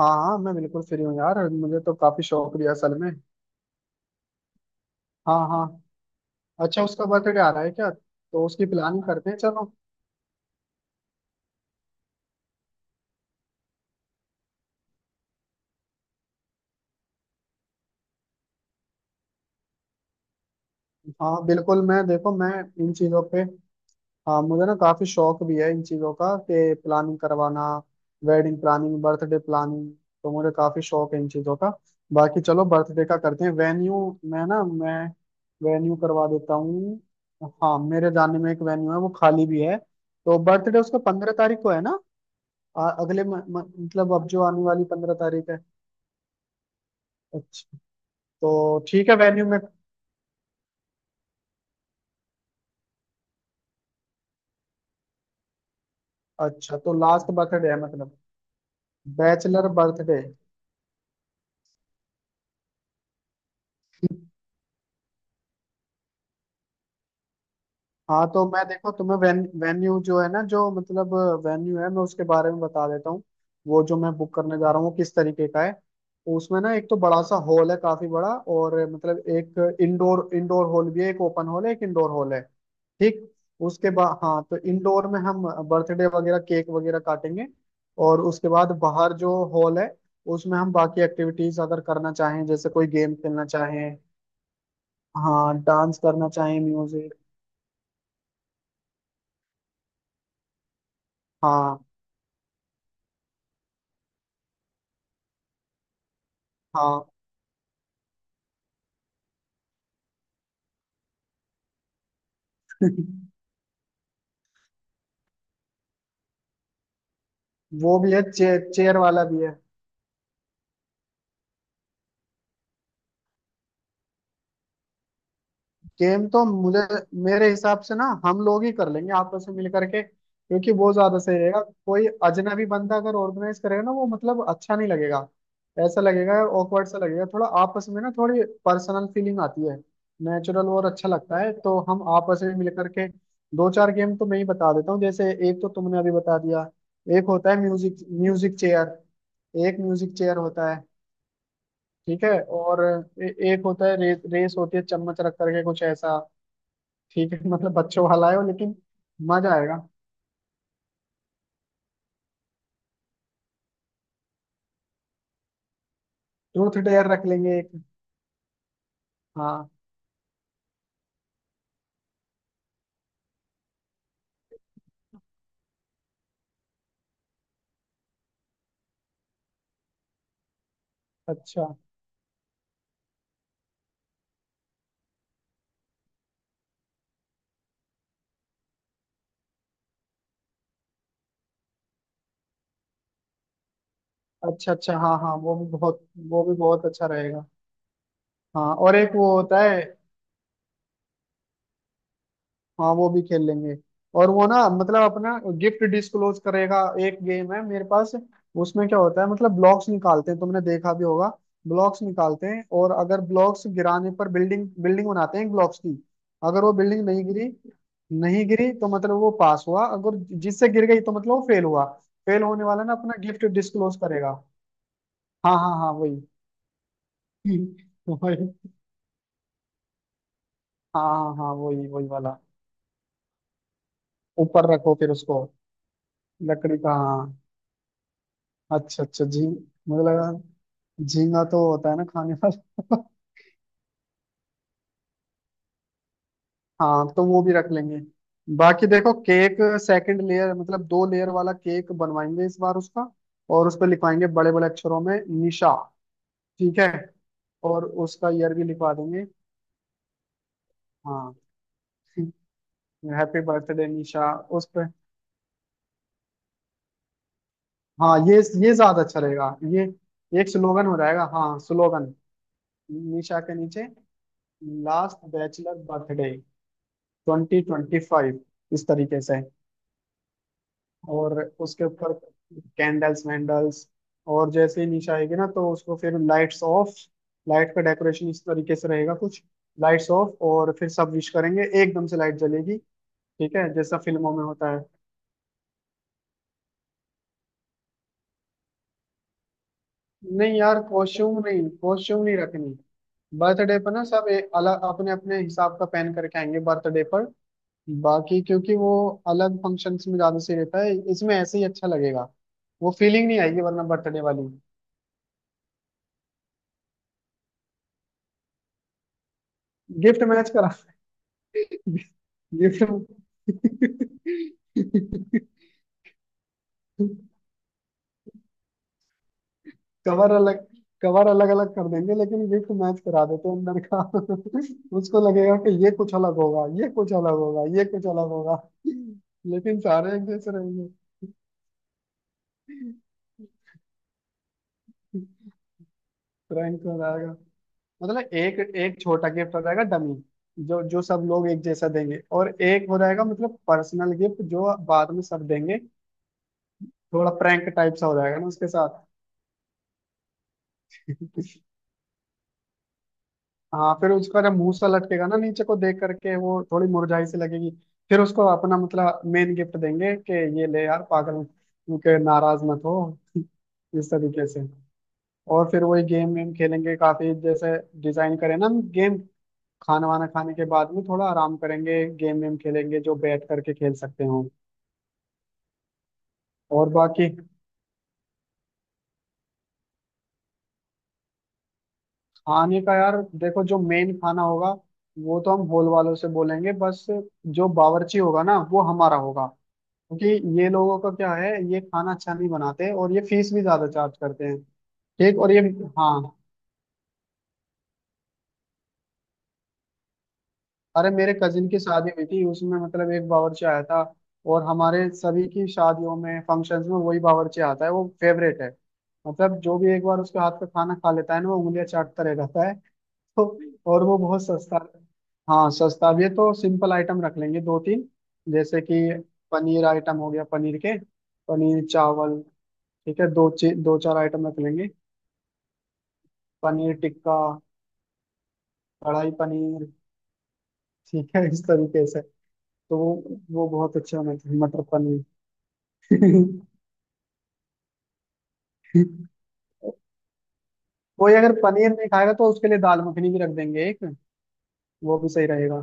हाँ हाँ मैं बिल्कुल फ्री हूँ यार। मुझे तो काफी शौक भी है असल में। हाँ हाँ। अच्छा उसका बर्थडे आ रहा है क्या? तो उसकी प्लानिंग करते हैं चलो। हाँ बिल्कुल मैं देखो मैं इन चीजों पे। हाँ मुझे ना काफी शौक भी है इन चीजों का कि प्लानिंग करवाना। वेडिंग प्लानिंग, बर्थडे प्लानिंग, तो मुझे काफी शौक है इन चीजों का। बाकी चलो बर्थडे का करते हैं। वेन्यू मैं ना मैं वेन्यू करवा देता हूँ। हाँ मेरे जानने में एक वेन्यू है, वो खाली भी है। तो बर्थडे उसका 15 तारीख को है ना। आ, अगले म, म, मतलब अब जो आने वाली 15 तारीख है। अच्छा। तो ठीक है वेन्यू में। अच्छा तो लास्ट बर्थडे है मतलब। Bachelor birthday. हाँ तो मैं देखो तुम्हें वेन्यू जो है ना जो मतलब वेन्यू है, मैं उसके बारे में बता देता हूँ। वो जो मैं बुक करने जा रहा हूँ वो किस तरीके का है। उसमें ना एक तो बड़ा सा हॉल है, काफी बड़ा। और मतलब एक इंडोर इंडोर हॉल भी है। एक ओपन हॉल है, एक इंडोर हॉल है। ठीक। उसके बाद हाँ, तो इंडोर में हम बर्थडे वगैरह, केक वगैरह काटेंगे। और उसके बाद बाहर जो हॉल है उसमें हम बाकी एक्टिविटीज अगर करना चाहें, जैसे कोई गेम खेलना चाहें, हाँ डांस करना चाहें, म्यूजिक। हाँ हाँ वो भी है, चेयर चेयर वाला भी है। गेम तो मुझे, मेरे हिसाब से ना, हम लोग ही कर लेंगे आपस में मिल करके, क्योंकि वो ज्यादा सही रहेगा। कोई अजनबी बंदा अगर ऑर्गेनाइज करेगा ना, वो मतलब अच्छा नहीं लगेगा। ऐसा लगेगा, ऑकवर्ड सा लगेगा थोड़ा। आपस में ना थोड़ी पर्सनल फीलिंग आती है, नेचुरल और अच्छा लगता है, तो हम आपस में मिल करके। दो चार गेम तो मैं ही बता देता हूँ। जैसे एक तो तुमने अभी बता दिया। एक होता है म्यूजिक म्यूजिक चेयर। एक म्यूजिक चेयर होता है। ठीक है और ए, एक होता है रेस होती है, चम्मच रख करके कुछ ऐसा। ठीक है, मतलब बच्चों वाला है वो, लेकिन मजा आएगा। ट्रूथ डेयर रख लेंगे एक। हाँ। अच्छा अच्छा अच्छा। हाँ हाँ वो भी बहुत अच्छा रहेगा। हाँ और एक वो होता है, हाँ वो भी खेल लेंगे। और वो ना मतलब अपना गिफ्ट डिस्क्लोज करेगा। एक गेम है मेरे पास। उसमें क्या होता है, मतलब ब्लॉक्स निकालते हैं, तुमने देखा भी होगा। ब्लॉक्स निकालते हैं, और अगर ब्लॉक्स गिराने पर बिल्डिंग बिल्डिंग बनाते हैं ब्लॉक्स की। अगर वो बिल्डिंग नहीं गिरी, नहीं गिरी तो मतलब वो पास हुआ। अगर जिससे गिर गई तो मतलब वो फेल हुआ। फेल होने वाला ना अपना गिफ्ट डिस्क्लोज करेगा। हाँ हाँ हाँ वही। वही। हाँ हाँ हाँ वही वही वाला। ऊपर रखो फिर उसको। लकड़ी का हाँ। अच्छा अच्छा झींग मुझे लगा झींगा तो होता है ना खाने वाला। हाँ तो वो भी रख लेंगे। बाकी देखो केक सेकंड लेयर, मतलब 2 लेयर वाला केक बनवाएंगे इस बार उसका। और उस पर लिखवाएंगे बड़े बड़े अक्षरों में निशा। ठीक है। और उसका ईयर भी लिखवा देंगे। हाँ। हैप्पी बर्थडे निशा उस पे। हाँ ये ज्यादा अच्छा रहेगा ये। एक स्लोगन हो जाएगा, हाँ स्लोगन। निशा के नीचे लास्ट बैचलर बर्थडे, 2025। इस तरीके से। और उसके ऊपर कैंडल्स वैंडल्स। और जैसे ही निशा आएगी ना तो उसको फिर लाइट्स ऑफ। लाइट का डेकोरेशन इस तरीके से रहेगा कुछ। लाइट्स ऑफ और फिर सब विश करेंगे, एकदम से लाइट जलेगी। ठीक है, जैसा फिल्मों में होता है। नहीं यार, कॉस्ट्यूम नहीं, कॉस्ट्यूम नहीं रखनी। बर्थडे पर ना सब अलग अपने अपने हिसाब का पहन करके आएंगे बर्थडे पर। बाकी क्योंकि वो अलग फंक्शंस में ज्यादा सही रहता है। इसमें ऐसे ही अच्छा लगेगा। वो फीलिंग नहीं आएगी वरना बर्थडे वाली। गिफ्ट मैच करा। गिफ्ट। कवर अलग, कवर अलग अलग कर देंगे लेकिन गिफ्ट मैच करा देते हैं अंदर का। उसको लगेगा कि ये कुछ अलग होगा, ये कुछ अलग होगा, ये कुछ अलग होगा, लेकिन सारे एक जैसे रहेंगे। प्रैंक हो जाएगा। मतलब एक एक छोटा गिफ्ट हो जाएगा डमी, जो जो सब लोग एक जैसा देंगे, और एक हो जाएगा मतलब पर्सनल गिफ्ट जो बाद में सब देंगे। थोड़ा प्रैंक टाइप सा हो जाएगा ना उसके साथ। हाँ, फिर उसका जब मुंह सा लटकेगा ना नीचे को देख करके, वो थोड़ी मुरझाई सी लगेगी। फिर उसको अपना मतलब मेन गिफ्ट देंगे कि ये ले यार पागल, के नाराज मत हो। इस तरीके से। और फिर वही गेम वेम खेलेंगे काफी। जैसे डिजाइन करें ना हम गेम। खाना वाना खाने के बाद में थोड़ा आराम करेंगे, गेम वेम खेलेंगे जो बैठ करके खेल सकते हो। और बाकी खाने का यार देखो, जो मेन खाना होगा वो तो हम हॉल वालों से बोलेंगे बस। जो बावर्ची होगा ना वो हमारा होगा। क्योंकि ये लोगों का क्या है, ये खाना अच्छा नहीं बनाते, और ये फीस भी ज्यादा चार्ज करते हैं। ठीक और ये, हाँ। अरे मेरे कजिन की शादी हुई थी उसमें मतलब एक बावर्ची आया था। और हमारे सभी की शादियों में, फंक्शंस में वही बावर्ची आता है, वो फेवरेट है। मतलब जो भी एक बार उसके हाथ का खाना खा लेता है ना, वो उंगलियां चाटता रह जाता है। तो। और वो बहुत सस्ता। हाँ सस्ता भी है, तो सिंपल आइटम रख लेंगे दो तीन। जैसे कि पनीर आइटम हो गया, पनीर के पनीर चावल, ठीक है। दो चार आइटम रख लेंगे। पनीर टिक्का, कढ़ाई पनीर, ठीक है इस तरीके से। तो वो बहुत अच्छा मटर मटर पनीर। कोई अगर पनीर नहीं खाएगा तो उसके लिए दाल मखनी भी रख देंगे एक, वो भी सही रहेगा।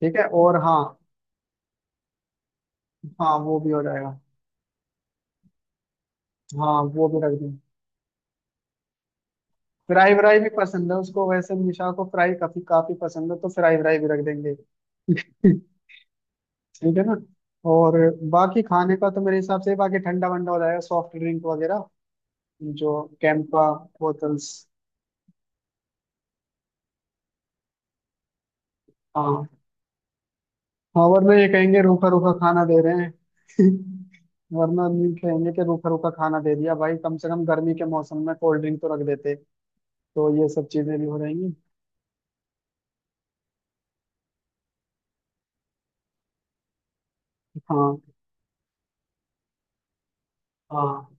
ठीक है और हाँ, हाँ वो भी हो जाएगा। हाँ वो भी रख देंगे। फ्राई व्राई भी पसंद है उसको वैसे, निशा को फ्राई काफी काफी पसंद है तो फ्राई व्राई भी रख देंगे। ठीक। है ना। और बाकी खाने का तो मेरे हिसाब से, बाकी ठंडा वंडा हो जाएगा, सॉफ्ट ड्रिंक वगैरह, जो कैंपा बोतल्स। हाँ, हाँ वरना ये कहेंगे रूखा रूखा खाना दे रहे हैं। वरना न्यू कहेंगे कि रूखा रूखा खाना दे दिया भाई, कम से कम गर्मी के मौसम में कोल्ड ड्रिंक तो रख देते। तो ये सब चीजें भी हो जाएंगी। हाँ हाँ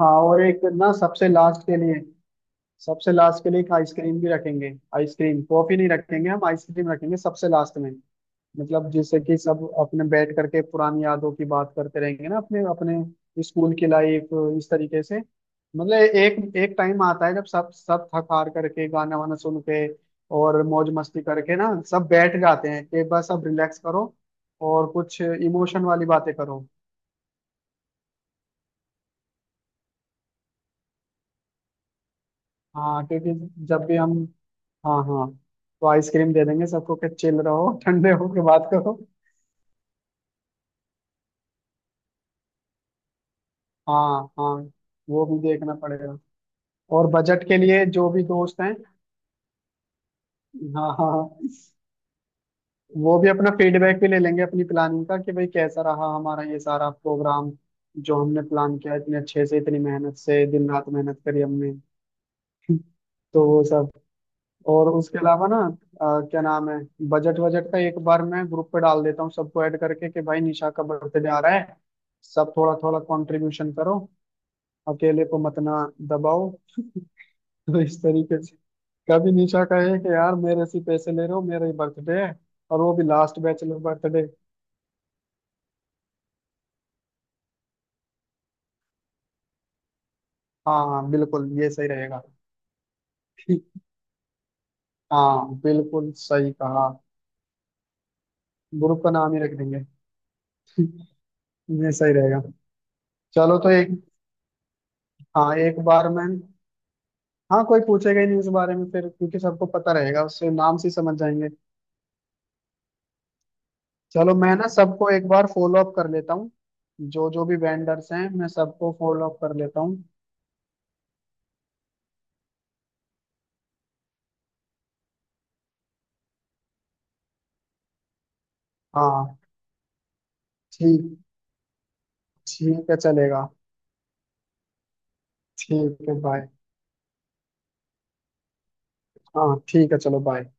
हाँ। और एक ना सबसे लास्ट के लिए, सबसे लास्ट के लिए एक आइसक्रीम भी रखेंगे। आइसक्रीम, कॉफी नहीं रखेंगे हम, आइसक्रीम रखेंगे सबसे लास्ट में। मतलब जैसे कि सब अपने बैठ करके पुरानी यादों की बात करते रहेंगे ना, अपने अपने स्कूल की लाइफ, इस तरीके से। मतलब एक एक टाइम आता है जब सब सब थक हार करके, गाना वाना सुन के और मौज मस्ती करके ना, सब बैठ जाते हैं कि बस अब रिलैक्स करो और कुछ इमोशन वाली बातें करो। हाँ क्योंकि जब भी हम, हाँ हाँ तो आइसक्रीम दे देंगे सबको कि चिल रहो, ठंडे होके बात करो। हाँ हाँ वो भी देखना पड़ेगा। और बजट के लिए जो भी दोस्त हैं, हाँ हाँ हाँ। वो भी अपना फीडबैक भी ले लेंगे अपनी प्लानिंग का कि भाई कैसा रहा हमारा ये सारा प्रोग्राम जो हमने प्लान किया, इतने अच्छे से, इतनी मेहनत से, दिन रात मेहनत करी हमने। तो वो सब। और उसके अलावा ना, क्या नाम है, बजट वजट का एक बार मैं ग्रुप पे डाल देता हूँ, सबको ऐड करके कि भाई निशा का बर्थडे आ रहा है, सब थोड़ा थोड़ा कंट्रीब्यूशन करो, अकेले को मत ना दबाओ। तो इस तरीके से। कभी निशा कहे कि यार मेरे से पैसे ले रहे हो, मेरा ही बर्थडे है, और वो भी लास्ट बैचलर बर्थडे। हाँ हाँ बिल्कुल ये सही रहेगा। ठीक। हाँ बिल्कुल सही कहा। ग्रुप का नाम ही रख देंगे। ये सही रहेगा। चलो तो एक, हाँ एक बार में, हाँ कोई पूछेगा ही नहीं इस बारे में फिर, क्योंकि सबको पता रहेगा, उससे नाम से ही समझ जाएंगे। चलो मैं ना सबको एक बार फॉलो अप कर लेता हूँ। जो जो भी वेंडर्स हैं मैं सबको फॉलो अप कर लेता हूँ। हाँ ठीक। ठीक है चलेगा। ठीक है बाय। हाँ ठीक है चलो बाय।